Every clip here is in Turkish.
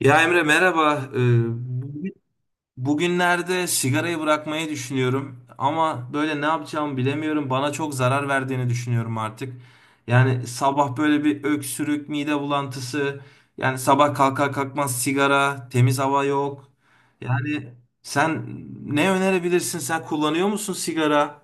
Ya Emre merhaba. Bu- Bugünlerde sigarayı bırakmayı düşünüyorum ama böyle ne yapacağımı bilemiyorum. Bana çok zarar verdiğini düşünüyorum artık. Yani sabah böyle bir öksürük, mide bulantısı, yani sabah kalkar kalkmaz sigara, temiz hava yok. Yani sen ne önerebilirsin? Sen kullanıyor musun sigara?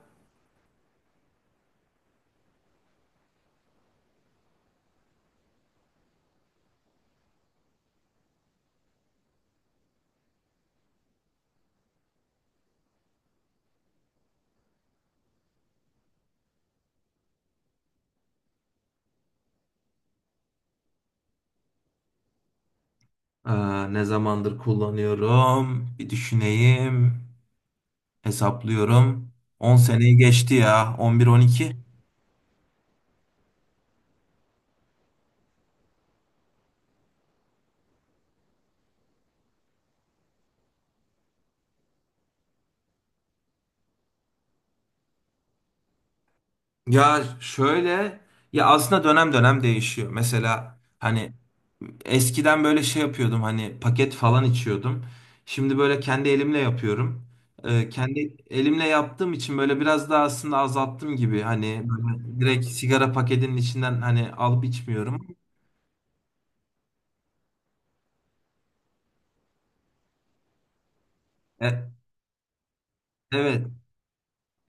Aa, ne zamandır kullanıyorum? Bir düşüneyim, hesaplıyorum. 10 seneyi geçti ya, 11, 12. Ya şöyle, ya aslında dönem dönem değişiyor. Mesela hani eskiden böyle şey yapıyordum, hani paket falan içiyordum. Şimdi böyle kendi elimle yapıyorum. Kendi elimle yaptığım için böyle biraz daha aslında azalttım gibi. Hani böyle direkt sigara paketinin içinden hani alıp içmiyorum. E, evet,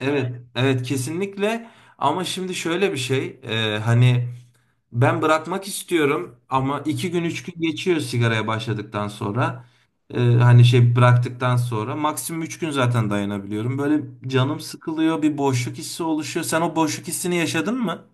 evet, evet, kesinlikle. Ama şimdi şöyle bir şey, hani. Ben bırakmak istiyorum ama 2 gün 3 gün geçiyor sigaraya başladıktan sonra. Hani şey bıraktıktan sonra maksimum 3 gün zaten dayanabiliyorum. Böyle canım sıkılıyor, bir boşluk hissi oluşuyor. Sen o boşluk hissini yaşadın mı?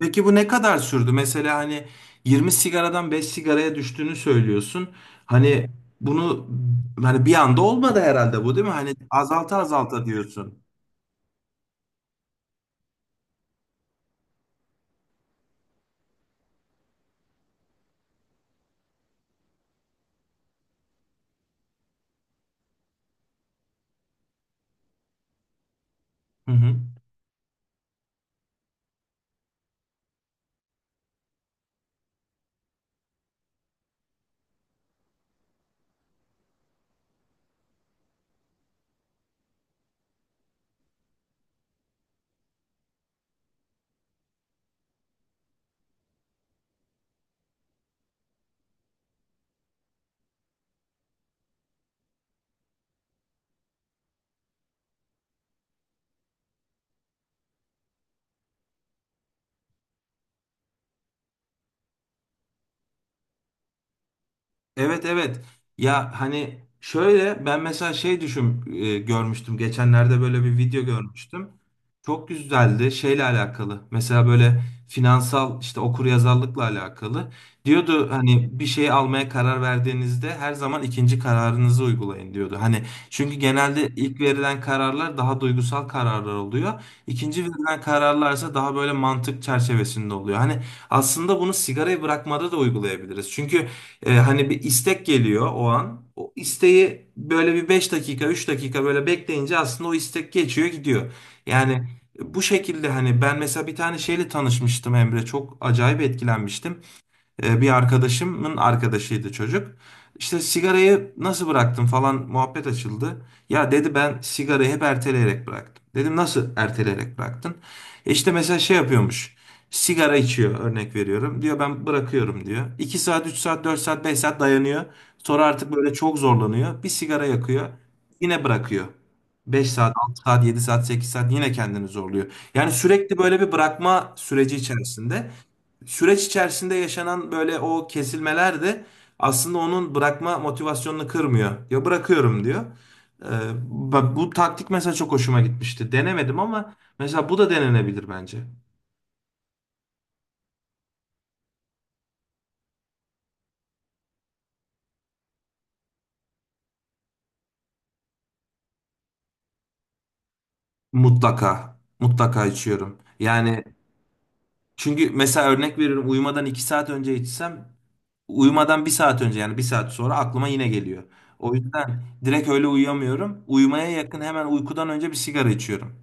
Peki bu ne kadar sürdü? Mesela hani 20 sigaradan 5 sigaraya düştüğünü söylüyorsun. Hani bunu hani bir anda olmadı herhalde, bu değil mi? Hani azalta azalta diyorsun. Hı hı. Evet, evet. Ya hani şöyle ben mesela şey düşün, görmüştüm. Geçenlerde böyle bir video görmüştüm. Çok güzeldi, şeyle alakalı. Mesela böyle finansal, işte okuryazarlıkla alakalı. Diyordu hani bir şey almaya karar verdiğinizde her zaman ikinci kararınızı uygulayın diyordu. Hani çünkü genelde ilk verilen kararlar daha duygusal kararlar oluyor. İkinci verilen kararlarsa daha böyle mantık çerçevesinde oluyor. Hani aslında bunu sigarayı bırakmada da uygulayabiliriz. Çünkü hani bir istek geliyor o an. O isteği böyle bir 5 dakika, 3 dakika böyle bekleyince aslında o istek geçiyor gidiyor. Yani bu şekilde hani ben mesela bir tane şeyle tanışmıştım Emre. Çok acayip etkilenmiştim. Bir arkadaşımın arkadaşıydı çocuk. İşte sigarayı nasıl bıraktım falan muhabbet açıldı. Ya dedi ben sigarayı hep erteleyerek bıraktım. Dedim nasıl erteleyerek bıraktın? İşte mesela şey yapıyormuş. Sigara içiyor, örnek veriyorum. Diyor ben bırakıyorum diyor. 2 saat, 3 saat, 4 saat, 5 saat dayanıyor. Sonra artık böyle çok zorlanıyor. Bir sigara yakıyor. Yine bırakıyor. 5 saat, 6 saat, 7 saat, 8 saat yine kendini zorluyor. Yani sürekli böyle bir bırakma süreci içerisinde, süreç içerisinde yaşanan böyle o kesilmeler de aslında onun bırakma motivasyonunu kırmıyor. Ya bırakıyorum diyor. Ee, Bu taktik mesela çok hoşuma gitmişti. Denemedim ama mesela bu da denenebilir bence. Mutlaka. Mutlaka içiyorum. Yani çünkü mesela örnek veriyorum, uyumadan 2 saat önce içsem, uyumadan 1 saat önce, yani 1 saat sonra aklıma yine geliyor. O yüzden direkt öyle uyuyamıyorum. Uyumaya yakın, hemen uykudan önce bir sigara içiyorum.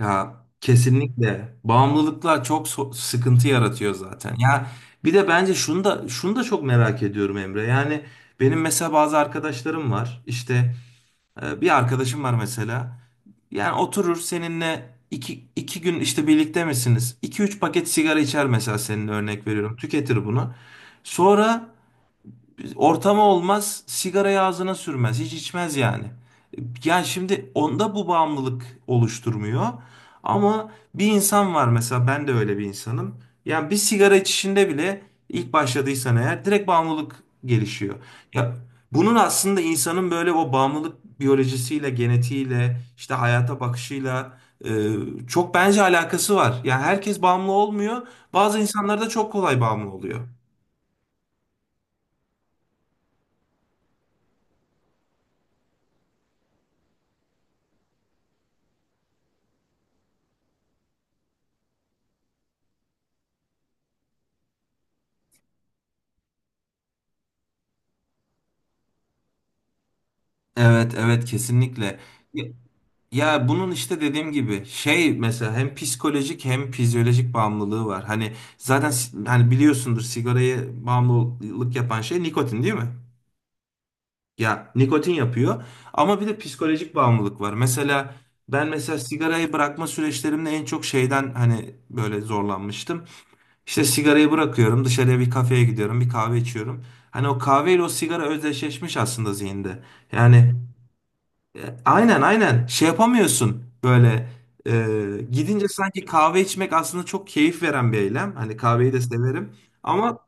Ya kesinlikle bağımlılıklar çok sıkıntı yaratıyor zaten. Ya bir de bence şunu da şunu da çok merak ediyorum Emre. Yani benim mesela bazı arkadaşlarım var. İşte bir arkadaşım var mesela. Yani oturur seninle iki gün işte birlikte misiniz? İki üç paket sigara içer mesela, senin örnek veriyorum. Tüketir bunu. Sonra ortamı olmaz, sigarayı ağzına sürmez, hiç içmez yani. Yani şimdi onda bu bağımlılık oluşturmuyor. Ama bir insan var mesela, ben de öyle bir insanım. Yani bir sigara içişinde bile ilk başladıysan eğer direkt bağımlılık gelişiyor. Ya bunun aslında insanın böyle o bağımlılık biyolojisiyle, genetiğiyle, işte hayata bakışıyla e, çok bence alakası var. Yani herkes bağımlı olmuyor. Bazı insanlar da çok kolay bağımlı oluyor. Evet, evet, kesinlikle. Ya bunun işte dediğim gibi, şey mesela hem psikolojik hem fizyolojik bağımlılığı var. Hani zaten hani biliyorsundur, sigarayı bağımlılık yapan şey nikotin, değil mi? Ya nikotin yapıyor ama bir de psikolojik bağımlılık var. Mesela ben mesela sigarayı bırakma süreçlerimde en çok şeyden hani böyle zorlanmıştım. İşte sigarayı bırakıyorum, dışarıya bir kafeye gidiyorum, bir kahve içiyorum. Hani o kahveyle o sigara özdeşleşmiş aslında zihinde. Yani aynen, aynen şey yapamıyorsun, böyle gidince sanki kahve içmek aslında çok keyif veren bir eylem. Hani kahveyi de severim ama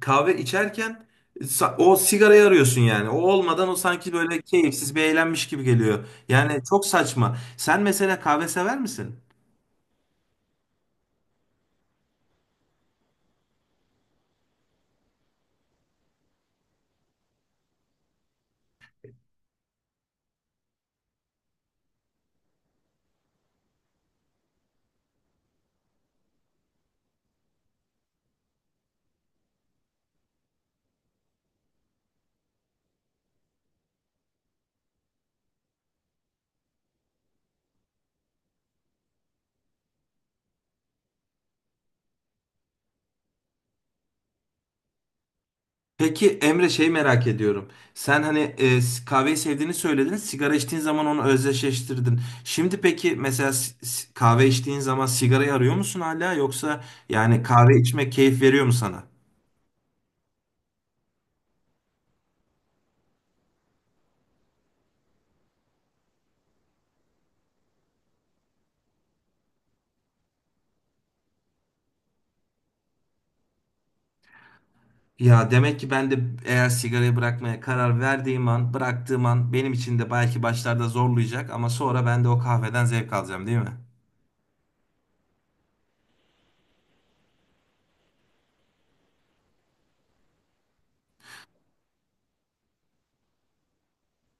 kahve içerken o sigarayı arıyorsun yani. O olmadan o sanki böyle keyifsiz bir eğlenmiş gibi geliyor. Yani çok saçma. Sen mesela kahve sever misin? Peki Emre, şey merak ediyorum. Sen hani kahveyi sevdiğini söyledin. Sigara içtiğin zaman onu özdeşleştirdin. Şimdi peki mesela kahve içtiğin zaman sigarayı arıyor musun hala, yoksa yani kahve içmek keyif veriyor mu sana? Ya demek ki ben de, eğer sigarayı bırakmaya karar verdiğim an, bıraktığım an benim için de belki başlarda zorlayacak ama sonra ben de o kahveden zevk alacağım, değil mi?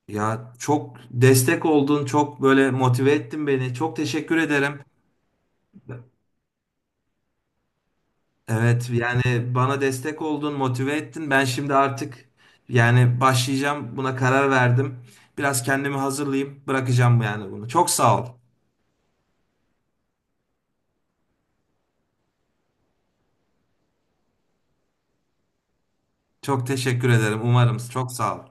Ya çok destek oldun, çok böyle motive ettin beni. Çok teşekkür ederim. Evet yani bana destek oldun, motive ettin. Ben şimdi artık yani başlayacağım. Buna karar verdim. Biraz kendimi hazırlayayım. Bırakacağım yani bunu. Çok sağ ol. Çok teşekkür ederim. Umarım. Çok sağ ol.